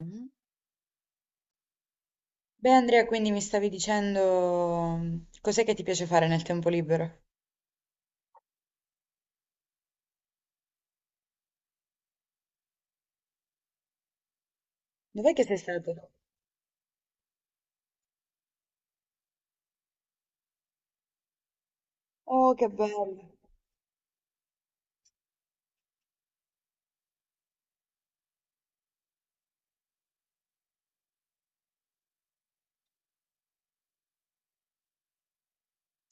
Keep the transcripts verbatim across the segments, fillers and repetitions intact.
Mhm. Beh, Andrea, quindi mi stavi dicendo mm, cos'è che ti piace fare nel tempo libero? Dov'è che sei stato? Oh, che bello.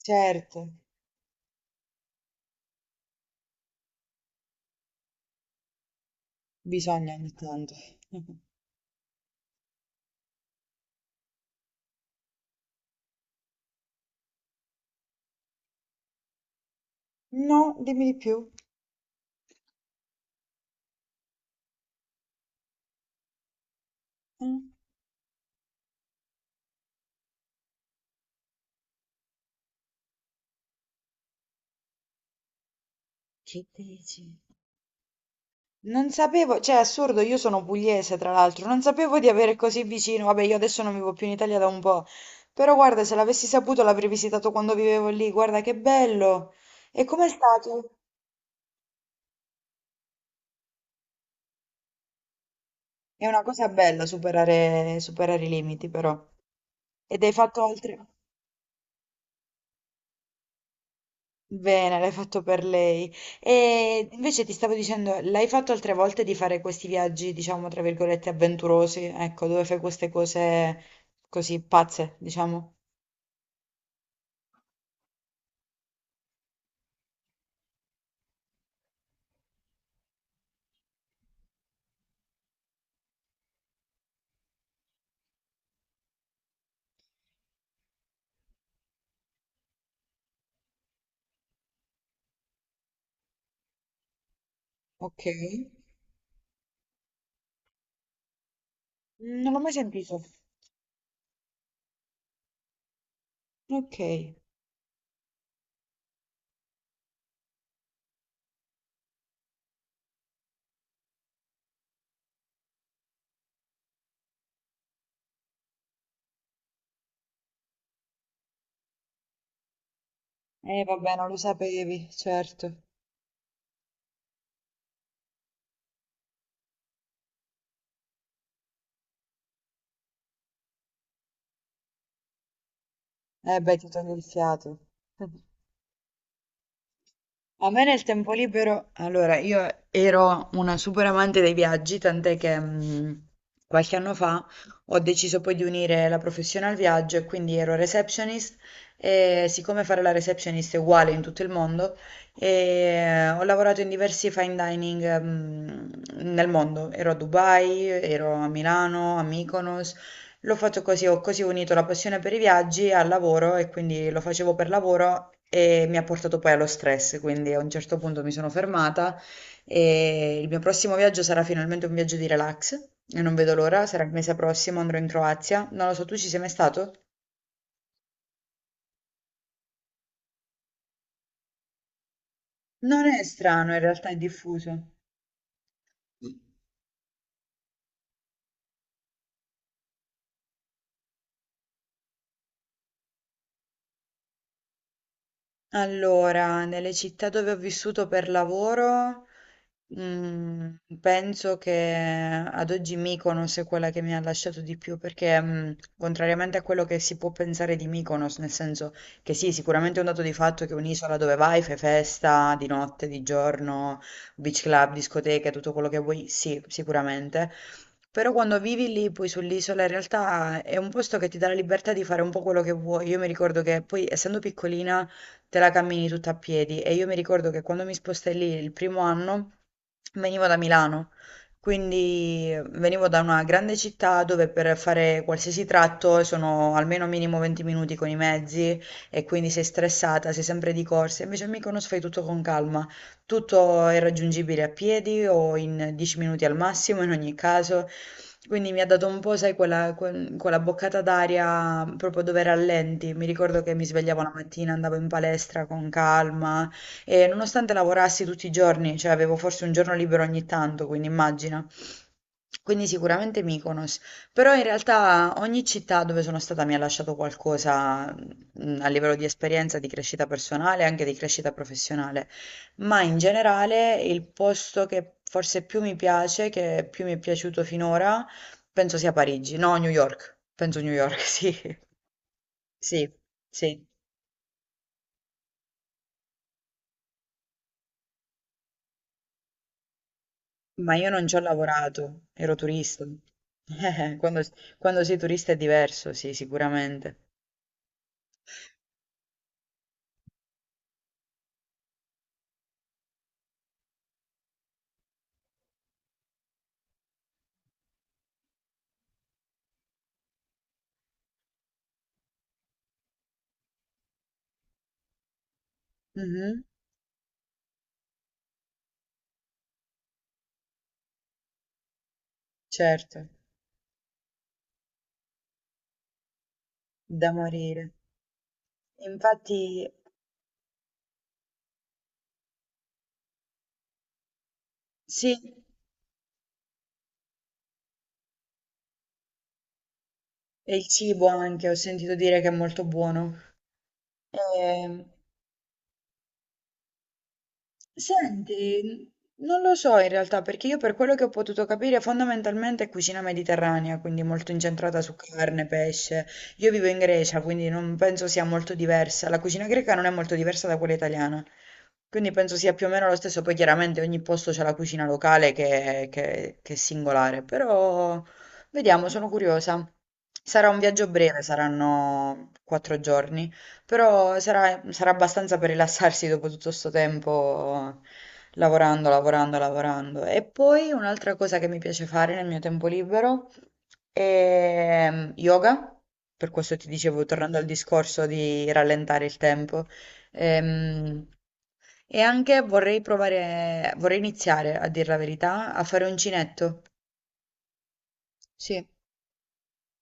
Certo, intanto. No, dimmi di più. Mm. Sì. Non sapevo, cioè è assurdo, io sono pugliese tra l'altro, non sapevo di avere così vicino, vabbè io adesso non vivo più in Italia da un po', però guarda se l'avessi saputo l'avrei visitato quando vivevo lì, guarda che bello! E com'è stato? È una cosa bella superare, superare i limiti però. Ed hai fatto altre... Bene, l'hai fatto per lei. E invece ti stavo dicendo, l'hai fatto altre volte di fare questi viaggi, diciamo, tra virgolette, avventurosi, ecco, dove fai queste cose così pazze, diciamo. Ok. Non l'ho mai sentito. Ok. Eh, vabbè, non lo so, certo. Eh, beh, ti toglie il fiato. A me nel tempo libero, allora io ero una super amante dei viaggi, tant'è che mh, qualche anno fa ho deciso poi di unire la professione al viaggio e quindi ero receptionist e siccome fare la receptionist è uguale in tutto il mondo, eh, ho lavorato in diversi fine dining mh, nel mondo, ero a Dubai, ero a Milano, a Mykonos, lo faccio così, ho così unito la passione per i viaggi al lavoro e quindi lo facevo per lavoro e mi ha portato poi allo stress, quindi a un certo punto mi sono fermata e il mio prossimo viaggio sarà finalmente un viaggio di relax e non vedo l'ora, sarà il mese prossimo, andrò in Croazia. Non lo so, tu ci sei mai stato? Non è strano, in realtà è diffuso. Allora, nelle città dove ho vissuto per lavoro, mm, penso che ad oggi Mykonos è quella che mi ha lasciato di più, perché mm, contrariamente a quello che si può pensare di Mykonos, nel senso che sì, sicuramente è un dato di fatto che è un'isola dove vai, fai festa di notte, di giorno, beach club, discoteche, tutto quello che vuoi, sì, sicuramente. Però quando vivi lì, poi sull'isola, in realtà è un posto che ti dà la libertà di fare un po' quello che vuoi. Io mi ricordo che poi, essendo piccolina, te la cammini tutta a piedi. E io mi ricordo che quando mi spostai lì il primo anno venivo da Milano, quindi eh, venivo da una grande città dove per fare qualsiasi tratto sono almeno minimo venti minuti con i mezzi e quindi sei stressata, sei sempre di corsa. Invece a Mykonos fai tutto con calma, tutto è raggiungibile a piedi o in dieci minuti al massimo in ogni caso. Quindi mi ha dato un po', sai, quella, quel- quella boccata d'aria proprio dove rallenti. Mi ricordo che mi svegliavo la mattina, andavo in palestra con calma e nonostante lavorassi tutti i giorni, cioè avevo forse un giorno libero ogni tanto, quindi immagina. Quindi sicuramente Mykonos, però in realtà ogni città dove sono stata mi ha lasciato qualcosa mh, a livello di esperienza, di crescita personale e anche di crescita professionale, ma in generale il posto che forse più mi piace, che più mi è piaciuto finora, penso sia Parigi, no, New York. Penso New York, sì. Sì, ma io non ci ho lavorato, ero turista. Eh, quando, quando sei turista è diverso, sì, sicuramente. Mhm, certo, da morire. Infatti, sì, e il cibo anche, ho sentito dire che è molto buono. Ehm, senti, non lo so in realtà, perché io per quello che ho potuto capire fondamentalmente è cucina mediterranea, quindi molto incentrata su carne, pesce. Io vivo in Grecia, quindi non penso sia molto diversa. La cucina greca non è molto diversa da quella italiana. Quindi penso sia più o meno lo stesso. Poi chiaramente ogni posto c'è la cucina locale che, che- che è singolare, però vediamo, sono curiosa. Sarà un viaggio breve, saranno quattro giorni, però sarà, sarà abbastanza per rilassarsi dopo tutto questo tempo lavorando, lavorando, lavorando. E poi un'altra cosa che mi piace fare nel mio tempo libero è mm, yoga. Per questo ti dicevo, tornando al discorso di rallentare il tempo. Ehm, e anche vorrei provare, vorrei iniziare, a dire la verità, a fare uncinetto.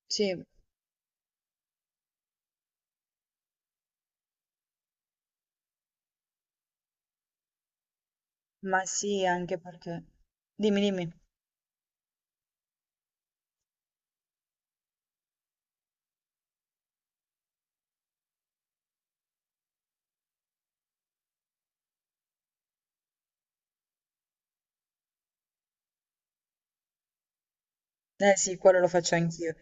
Sì, sì, anche perché. Dimmi, dimmi. Eh sì, quello lo faccio anch'io.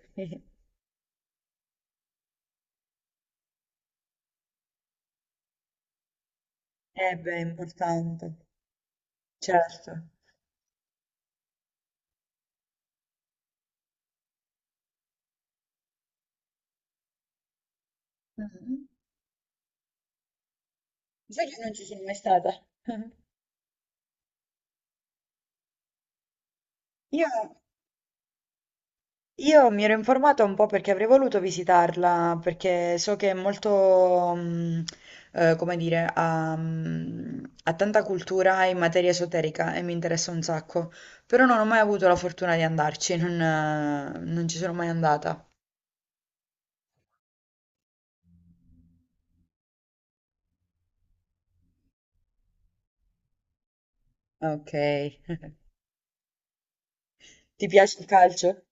Eh beh, è importante, certo. Mhm. Sai che non ci... Io Io mi ero informata un po' perché avrei voluto visitarla, perché so che è molto, mm, eh, come dire, ha, mm, ha tanta cultura in materia esoterica e mi interessa un sacco, però non ho mai avuto la fortuna di andarci, non, eh, non ci sono mai andata. Ok. Ti piace il calcio?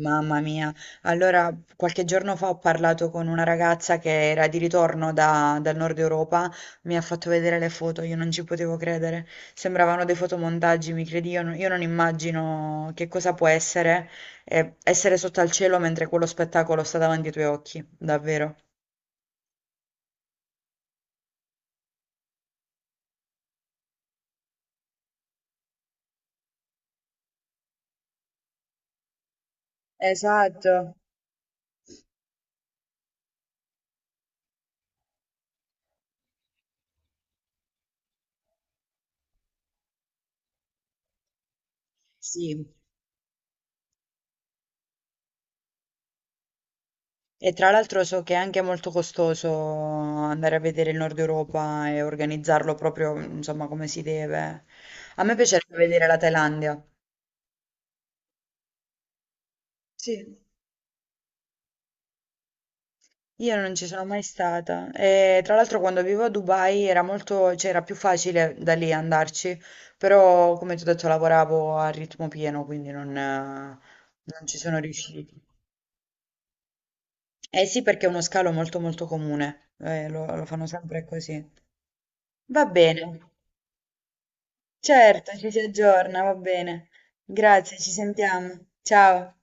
Mamma mia, allora qualche giorno fa ho parlato con una ragazza che era di ritorno da- dal nord Europa, mi ha fatto vedere le foto, io non ci potevo credere, sembravano dei fotomontaggi, mi credi, io non, io non immagino che cosa può essere eh, essere sotto al cielo mentre quello spettacolo sta davanti ai tuoi occhi, davvero. Esatto. Sì. E tra l'altro so che è anche molto costoso andare a vedere il Nord Europa e organizzarlo proprio, insomma, come si deve. A me piacerebbe vedere la Thailandia. Sì. Io non ci sono mai stata. E tra l'altro quando vivo a Dubai era molto, cioè era più facile da lì andarci, però come ti ho detto lavoravo a ritmo pieno, quindi non, eh, non ci sono riusciti. Eh sì, perché è uno scalo molto molto comune, eh, lo lo fanno sempre così. Va bene. Certo, ci si aggiorna, va bene. Grazie, ci sentiamo. Ciao.